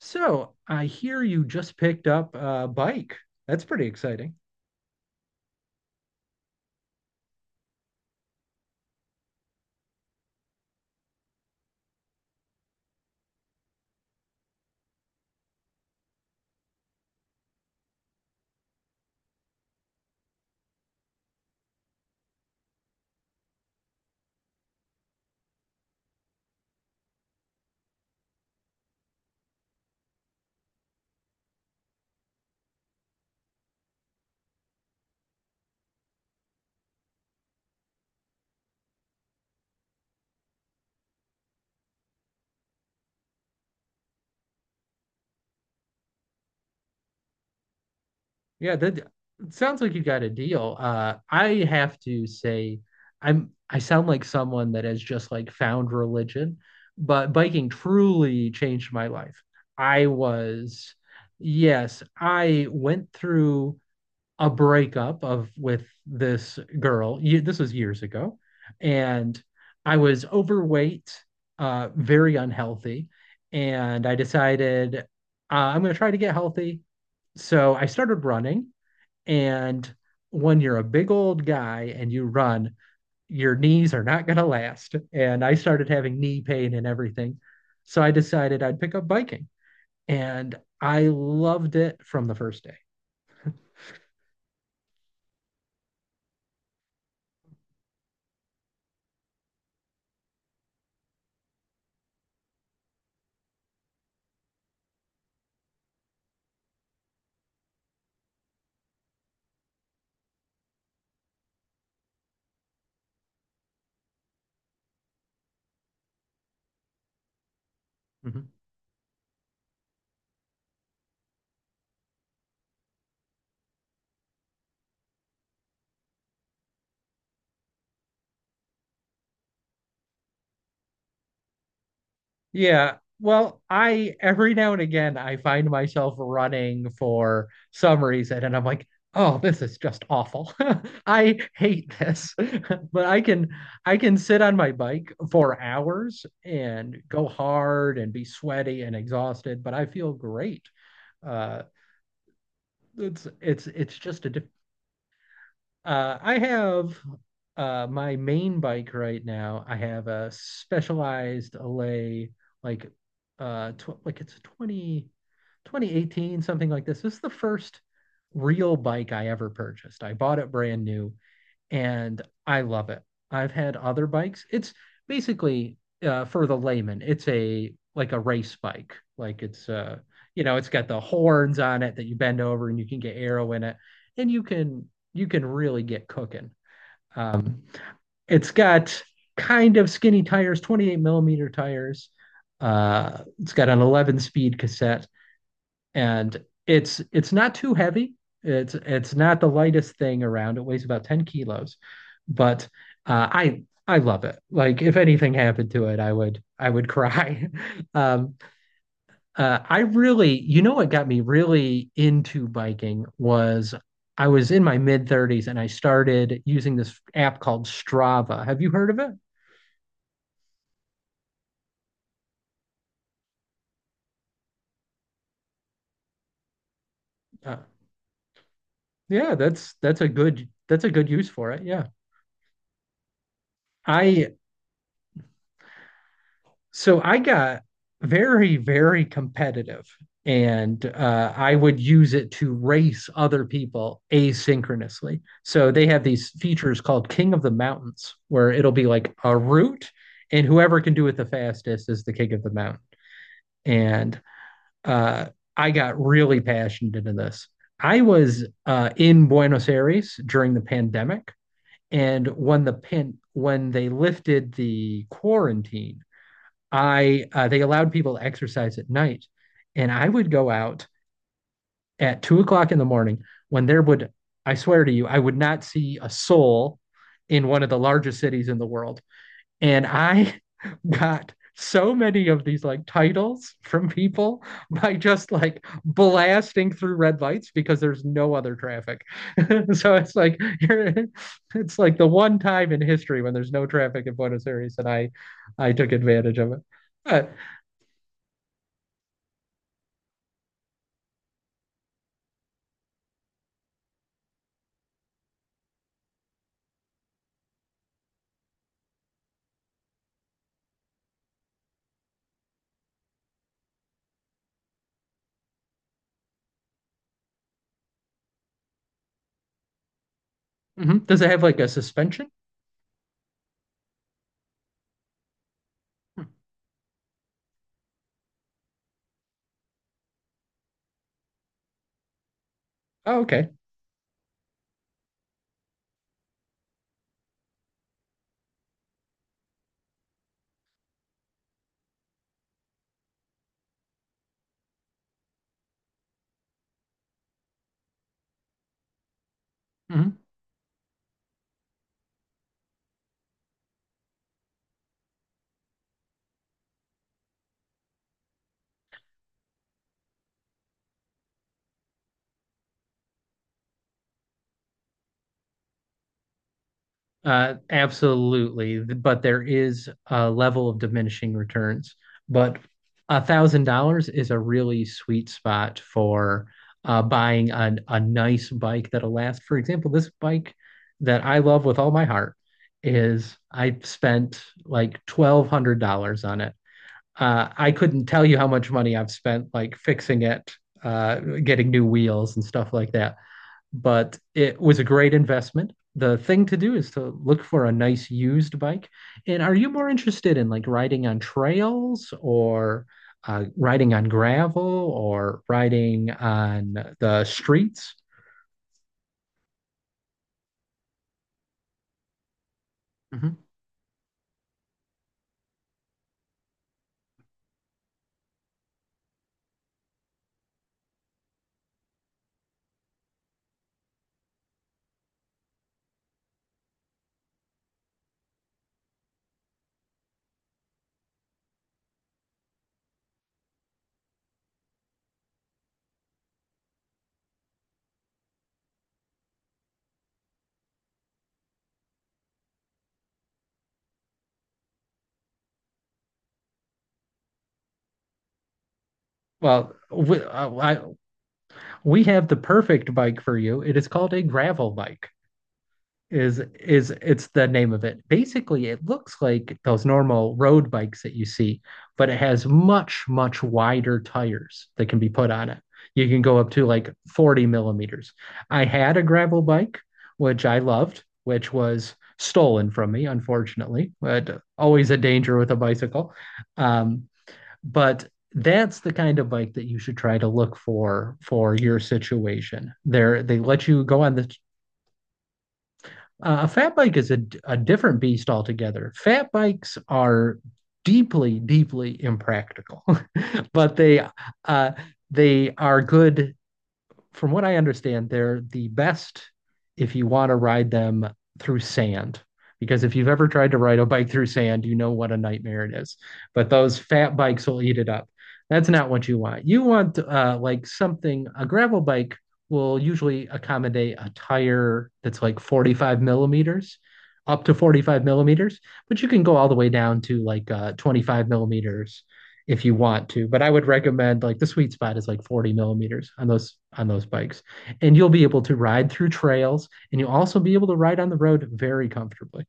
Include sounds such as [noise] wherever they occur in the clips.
So I hear you just picked up a bike. That's pretty exciting. Yeah, that it sounds like you got a deal. I have to say, I sound like someone that has just like found religion, but biking truly changed my life. I was, yes, I went through a breakup of with this girl. This was years ago, and I was overweight, very unhealthy, and I decided, I'm going to try to get healthy. So I started running, and when you're a big old guy and you run, your knees are not going to last. And I started having knee pain and everything. So I decided I'd pick up biking, and I loved it from the first day. Mhm. Yeah. Well, I every now and again I find myself running for some reason and I'm like, "Oh, this is just awful. [laughs] I hate this." But I can sit on my bike for hours and go hard and be sweaty and exhausted, but I feel great. Uh it's just a different. I have my main bike right now. I have a Specialized Allay, like tw like it's a 20, 2018, something like this. This is the first real bike I ever purchased. I bought it brand new, and I love it. I've had other bikes. It's basically, for the layman, it's a like a race bike. Like it's, you know, it's got the horns on it that you bend over and you can get arrow in it, and you can really get cooking. Um, it's got kind of skinny tires, 28 millimeter tires. It's got an 11 speed cassette and it's not too heavy. It's not the lightest thing around. It weighs about 10 kilos, but I love it. Like if anything happened to it, I would cry. [laughs] Um, I really, you know, what got me really into biking was I was in my mid 30s and I started using this app called Strava. Have you heard of it? Uh, yeah, that's that's a good use for it. Yeah. I So I got very, very competitive, and I would use it to race other people asynchronously. So they have these features called King of the Mountains, where it'll be like a route, and whoever can do it the fastest is the King of the Mountain. And uh, I got really passionate into this. I was in Buenos Aires during the pandemic, and when they lifted the quarantine I they allowed people to exercise at night, and I would go out at 2 o'clock in the morning when there would, I swear to you, I would not see a soul in one of the largest cities in the world, and I [laughs] got so many of these like titles from people [laughs] by just like blasting through red lights because there's no other traffic. [laughs] So it's like [laughs] it's like the one time in history when there's no traffic in Buenos Aires, and I took advantage of it. But hmm, does it have like a suspension? Hmm. Oh, okay. Hmm. Absolutely. But there is a level of diminishing returns. But $1,000 is a really sweet spot for, buying a nice bike that'll last. For example, this bike that I love with all my heart is I spent like $1,200 on it. I couldn't tell you how much money I've spent like fixing it, getting new wheels and stuff like that, but it was a great investment. The thing to do is to look for a nice used bike. And are you more interested in like riding on trails or riding on gravel or riding on the streets? Mhm. Well, we have the perfect bike for you. It is called a gravel bike. Is it's the name of it. Basically, it looks like those normal road bikes that you see, but it has much, much wider tires that can be put on it. You can go up to like 40 millimeters. I had a gravel bike, which I loved, which was stolen from me, unfortunately, but always a danger with a bicycle. Um, but that's the kind of bike that you should try to look for your situation. There, they let you go on the. A fat bike is a different beast altogether. Fat bikes are deeply, deeply impractical, [laughs] but they, uh, they are good. From what I understand, they're the best if you want to ride them through sand. Because if you've ever tried to ride a bike through sand, you know what a nightmare it is. But those fat bikes will eat it up. That's not what you want. You want, like something, a gravel bike will usually accommodate a tire that's like 45 millimeters, up to 45 millimeters, but you can go all the way down to like 25 millimeters if you want to. But I would recommend like the sweet spot is like 40 millimeters on those bikes. And you'll be able to ride through trails and you'll also be able to ride on the road very comfortably.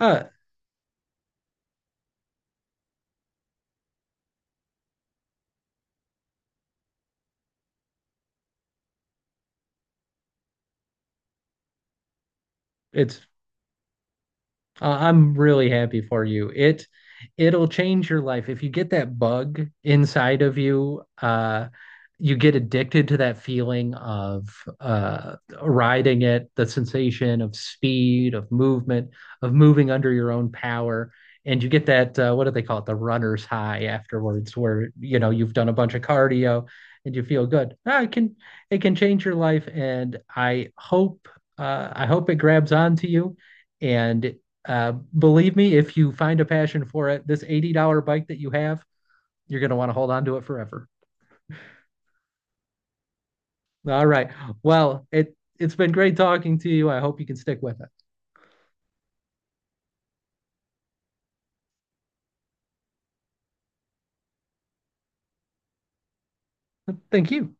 Uh, it's I'm really happy for you. It'll change your life. If you get that bug inside of you, you get addicted to that feeling of, uh, riding it, the sensation of speed, of movement, of moving under your own power. And you get that, what do they call it? The runner's high afterwards, where you know you've done a bunch of cardio and you feel good. Ah, it can change your life, and I hope it grabs onto you and, uh, believe me, if you find a passion for it, this $80 bike that you have, you're going to want to hold on to it forever. All right. Well, it it's been great talking to you. I hope you can stick with it. Thank you.